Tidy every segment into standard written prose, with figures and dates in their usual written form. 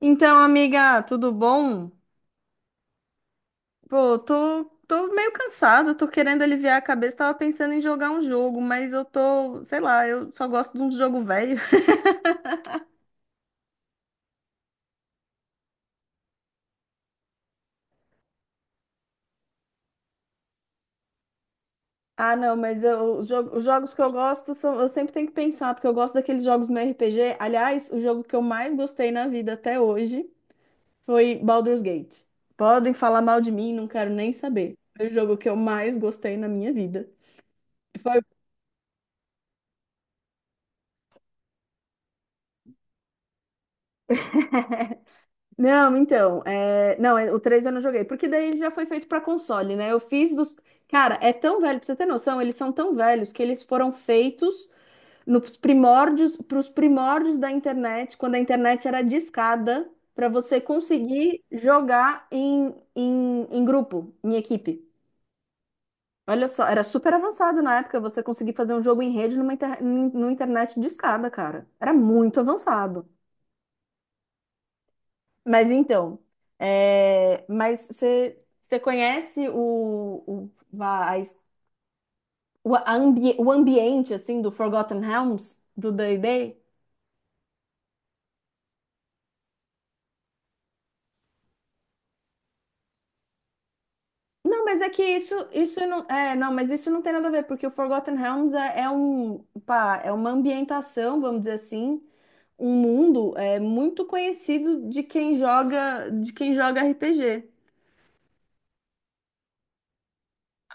Então, amiga, tudo bom? Pô, tô meio cansada, tô querendo aliviar a cabeça. Tava pensando em jogar um jogo, mas eu tô, sei lá, eu só gosto de um jogo velho. Ah, não, mas eu, os jogos que eu gosto são, eu sempre tenho que pensar, porque eu gosto daqueles jogos meio RPG. Aliás, o jogo que eu mais gostei na vida até hoje foi Baldur's Gate. Podem falar mal de mim, não quero nem saber. Foi o jogo que eu mais gostei na minha vida. Foi. Não, então, é... não, é- o 3 eu não joguei, porque daí ele já foi feito pra console, né? Eu fiz dos. Cara, é tão velho, pra você ter noção, eles são tão velhos que eles foram feitos nos primórdios, pros primórdios da internet, quando a internet era discada, pra você conseguir jogar em grupo, em equipe. Olha só, era super avançado na época você conseguir fazer um jogo em rede numa internet discada, cara. Era muito avançado. Mas então, é, mas você conhece o ambiente assim do Forgotten Realms do D&D? Não, mas é que isso não é não, mas isso não tem nada a ver, porque o Forgotten Realms é, é um pá, é uma ambientação, vamos dizer assim, um mundo é muito conhecido de quem joga RPG.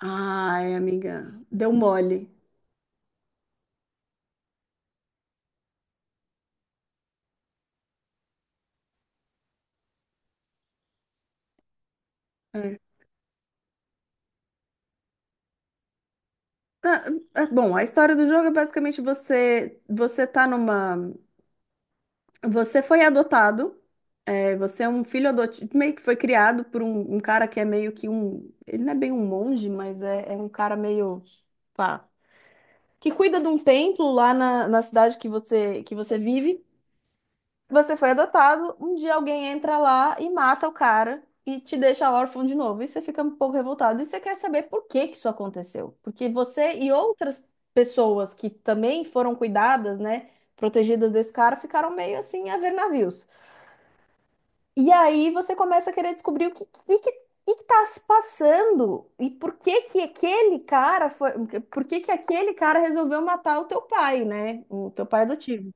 Ai, amiga, deu mole. Ah, ah, bom, a história do jogo é basicamente você tá numa, você foi adotado, é, você é um filho adotivo, meio que foi criado por um cara que é meio que um, ele não é bem um monge, mas é, é um cara meio pá, que cuida de um templo lá na cidade que você vive. Você foi adotado, um dia alguém entra lá e mata o cara e te deixa órfão de novo. E você fica um pouco revoltado. E você quer saber por que que isso aconteceu. Porque você e outras pessoas que também foram cuidadas, né, protegidas desse cara, ficaram meio assim a ver navios. E aí você começa a querer descobrir o que, que tá se passando e por que que aquele cara resolveu matar o teu pai, né? O teu pai adotivo.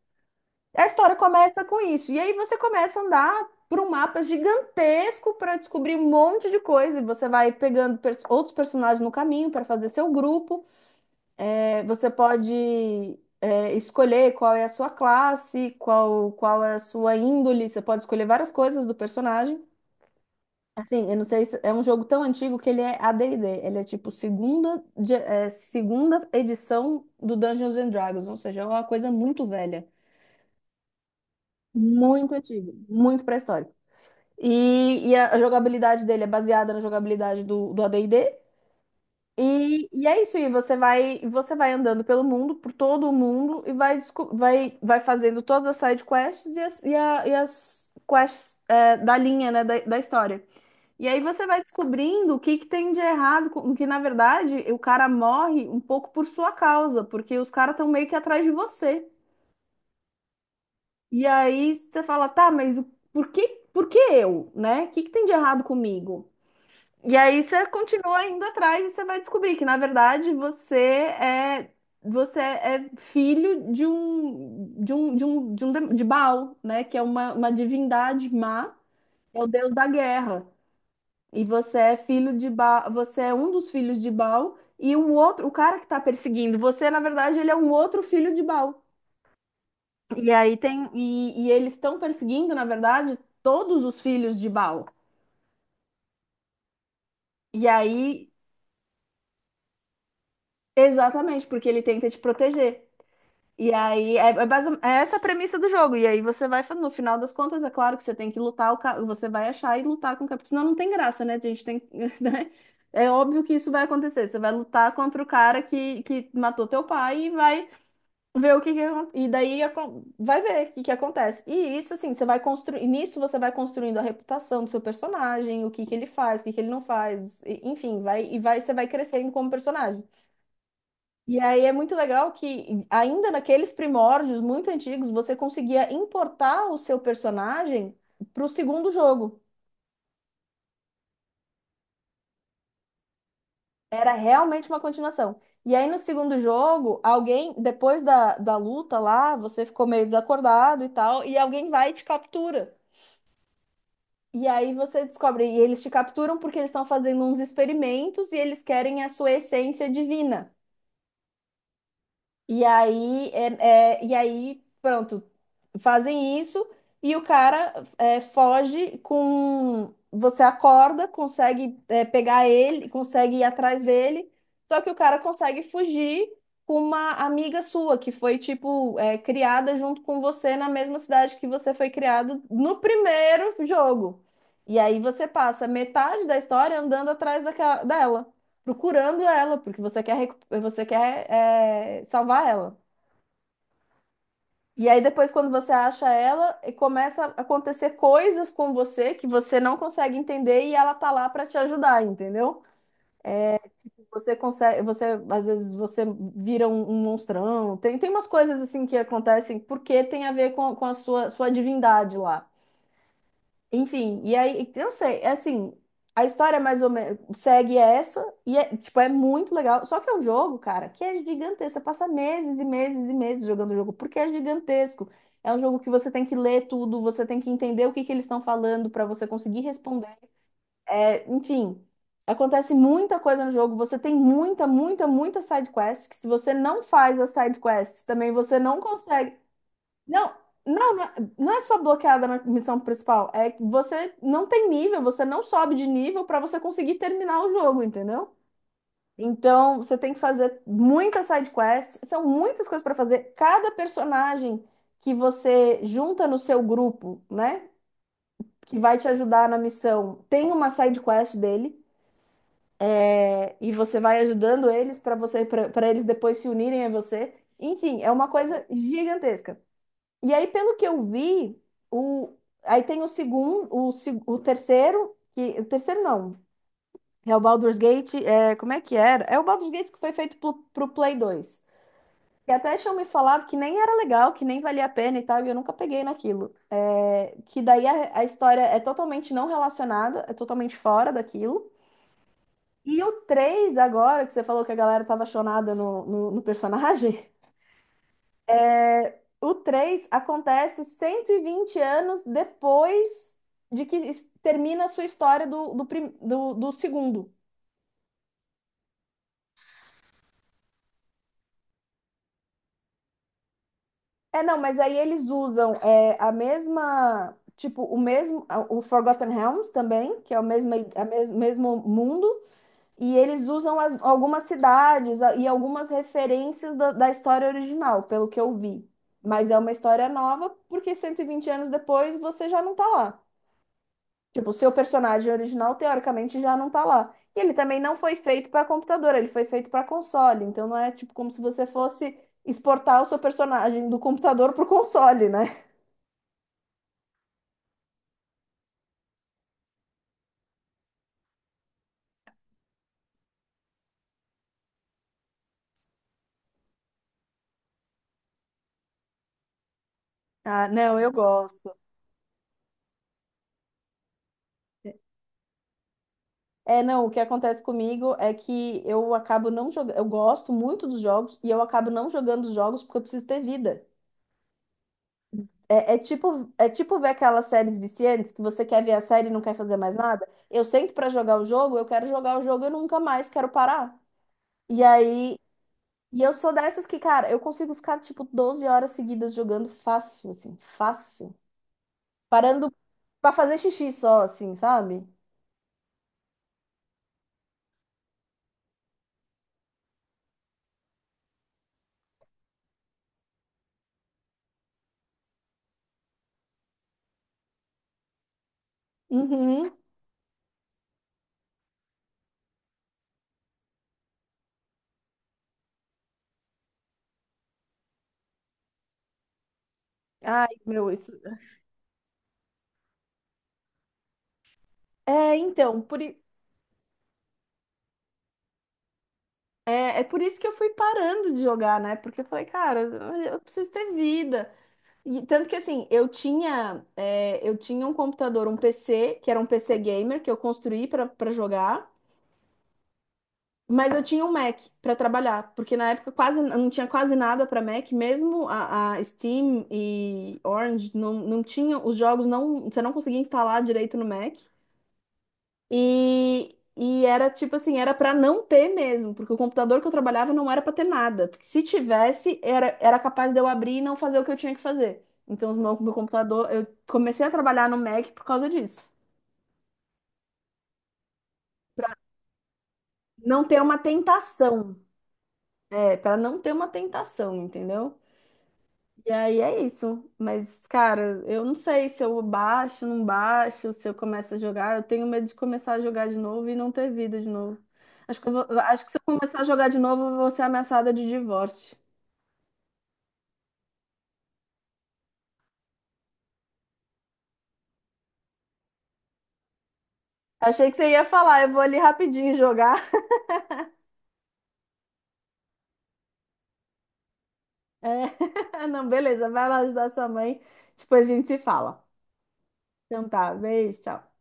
A história começa com isso. E aí você começa a andar por um mapa gigantesco para descobrir um monte de coisa. E você vai pegando outros personagens no caminho para fazer seu grupo. É, você pode é, escolher qual é a sua classe, qual é a sua índole. Você pode escolher várias coisas do personagem. Assim, eu não sei se é um jogo tão antigo que ele é AD&D. Ele é tipo segunda edição do Dungeons and Dragons. Ou seja, é uma coisa muito velha. Muito antigo, muito pré-histórico. E a jogabilidade dele é baseada na jogabilidade do AD&D. E, D. E e é isso, e você vai andando pelo mundo, por todo o mundo, e vai fazendo todas as side quests e e as quests é, da linha, né, da história. E aí você vai descobrindo o que, que tem de errado, que na verdade o cara morre um pouco por sua causa, porque os caras estão meio que atrás de você. E aí você fala, tá, por por que eu, né? O que, que tem de errado comigo? E aí você continua indo atrás e você vai descobrir que, na verdade, você é filho de um de um de um de, um dem- de Baal, né? Que é uma divindade má, é o deus da guerra. E você é filho de Baal, você é um dos filhos de Baal e o outro, o cara que está perseguindo você, na verdade, ele é um outro filho de Baal. E aí tem, e eles estão perseguindo, na verdade, todos os filhos de Baal. E aí, exatamente, porque ele tenta te proteger. E aí, é, é essa a premissa do jogo. E aí no final das contas, é claro que você tem que lutar, você vai achar e lutar com o capitão. Senão não tem graça, né? A gente tem, né? É óbvio que isso vai acontecer. Você vai lutar contra o cara que matou teu pai e vai ver o que, vai ver o que, que acontece. E isso assim, nisso você vai construindo a reputação do seu personagem, o que que ele faz, o que que ele não faz, enfim, vai e vai você vai crescendo como personagem. E aí é muito legal que, ainda naqueles primórdios muito antigos, você conseguia importar o seu personagem para o segundo jogo. Era realmente uma continuação. E aí no segundo jogo, alguém, depois da luta lá, você ficou meio desacordado e tal, e alguém vai e te captura. E aí você descobre, e eles te capturam porque eles estão fazendo uns experimentos e eles querem a sua essência divina. E aí, é, é, e aí, pronto, fazem isso e o cara é, foge com. Você acorda, consegue é, pegar ele, consegue ir atrás dele, só que o cara consegue fugir com uma amiga sua, que foi, tipo, é, criada junto com você na mesma cidade que você foi criado no primeiro jogo. E aí você passa metade da história andando atrás daquela, dela, procurando ela, porque você quer, você quer é, salvar ela. E aí depois, quando você acha ela, e começa a acontecer coisas com você que você não consegue entender, e ela tá lá pra te ajudar, entendeu? Você consegue, você às vezes você vira um, um monstrão. Tem umas coisas assim que acontecem porque tem a ver com a sua, sua divindade lá. Enfim, e aí, eu não sei, é assim, a história mais ou menos segue essa, e é, tipo, é muito legal. Só que é um jogo, cara, que é gigantesco. Você passa meses e meses e meses jogando o jogo, porque é gigantesco. É um jogo que você tem que ler tudo, você tem que entender o que que eles estão falando para você conseguir responder. É, enfim, acontece muita coisa no jogo. Você tem muita side quest, que se você não faz as side quests, também você não consegue. Não, não, não é só bloqueada na missão principal, é que você não tem nível, você não sobe de nível para você conseguir terminar o jogo, entendeu? Então, você tem que fazer muitas side quests, são muitas coisas para fazer. Cada personagem que você junta no seu grupo, né, que vai te ajudar na missão, tem uma side quest dele é, e você vai ajudando eles para eles depois se unirem a você. Enfim, é uma coisa gigantesca. E aí, pelo que eu vi, o... aí tem o segundo, o, se- o terceiro, que... o terceiro não, é o Baldur's Gate, é... como é que era? É o Baldur's Gate que foi feito pro Play 2. E até tinham me falado que nem era legal, que nem valia a pena e tal, e eu nunca peguei naquilo. É. Que daí a história é totalmente não relacionada, é totalmente fora daquilo. E o 3 agora, que você falou que a galera tava chonada no personagem, o 3 acontece 120 anos depois de termina a sua história do segundo. É, não, mas aí eles usam é, a mesma, tipo, o Forgotten Realms também, que é o mesmo, mesmo mundo, e eles usam algumas cidades e algumas referências da história original, pelo que eu vi. Mas é uma história nova, porque 120 anos depois você já não tá lá. Tipo, o seu personagem original, teoricamente, já não tá lá. E ele também não foi feito para computador, ele foi feito para console. Então não é tipo como se você fosse exportar o seu personagem do computador pro console, né? Ah, não, eu gosto. É, não, o que acontece comigo é que eu acabo não jogando. Eu gosto muito dos jogos e eu acabo não jogando os jogos porque eu preciso ter vida. É, é tipo ver aquelas séries viciantes que você quer ver a série e não quer fazer mais nada. Eu sento pra jogar o jogo, eu quero jogar o jogo e nunca mais quero parar. E aí. E eu sou dessas que, cara, eu consigo ficar, tipo, 12 horas seguidas jogando fácil, assim, fácil. Parando pra fazer xixi só, assim, sabe? Uhum. Ai, meu, isso. É, então, é, é por isso que eu fui parando de jogar, né? Porque eu falei, cara, eu preciso ter vida. E tanto que, assim, eu tinha, é, eu tinha um computador, um PC, que era um PC gamer, que eu construí pra jogar. Mas eu tinha um Mac para trabalhar, porque na época quase não tinha quase nada para Mac, mesmo a Steam e Orange não, não tinham os jogos não, você não conseguia instalar direito no Mac. E era tipo assim, era para não ter mesmo, porque o computador que eu trabalhava não era para ter nada, porque se tivesse, era, era capaz de eu abrir e não fazer o que eu tinha que fazer. Então, meu computador, eu comecei a trabalhar no Mac por causa disso. Não ter uma tentação, é, para não ter uma tentação, entendeu? E aí é isso. Mas, cara, eu não sei se eu baixo, não baixo, se eu começo a jogar. Eu tenho medo de começar a jogar de novo e não ter vida de novo. Acho que se eu começar a jogar de novo, eu vou ser ameaçada de divórcio. Achei que você ia falar, eu vou ali rapidinho jogar. É. Não, beleza, vai lá ajudar sua mãe. Depois a gente se fala. Então tá, beijo, tchau.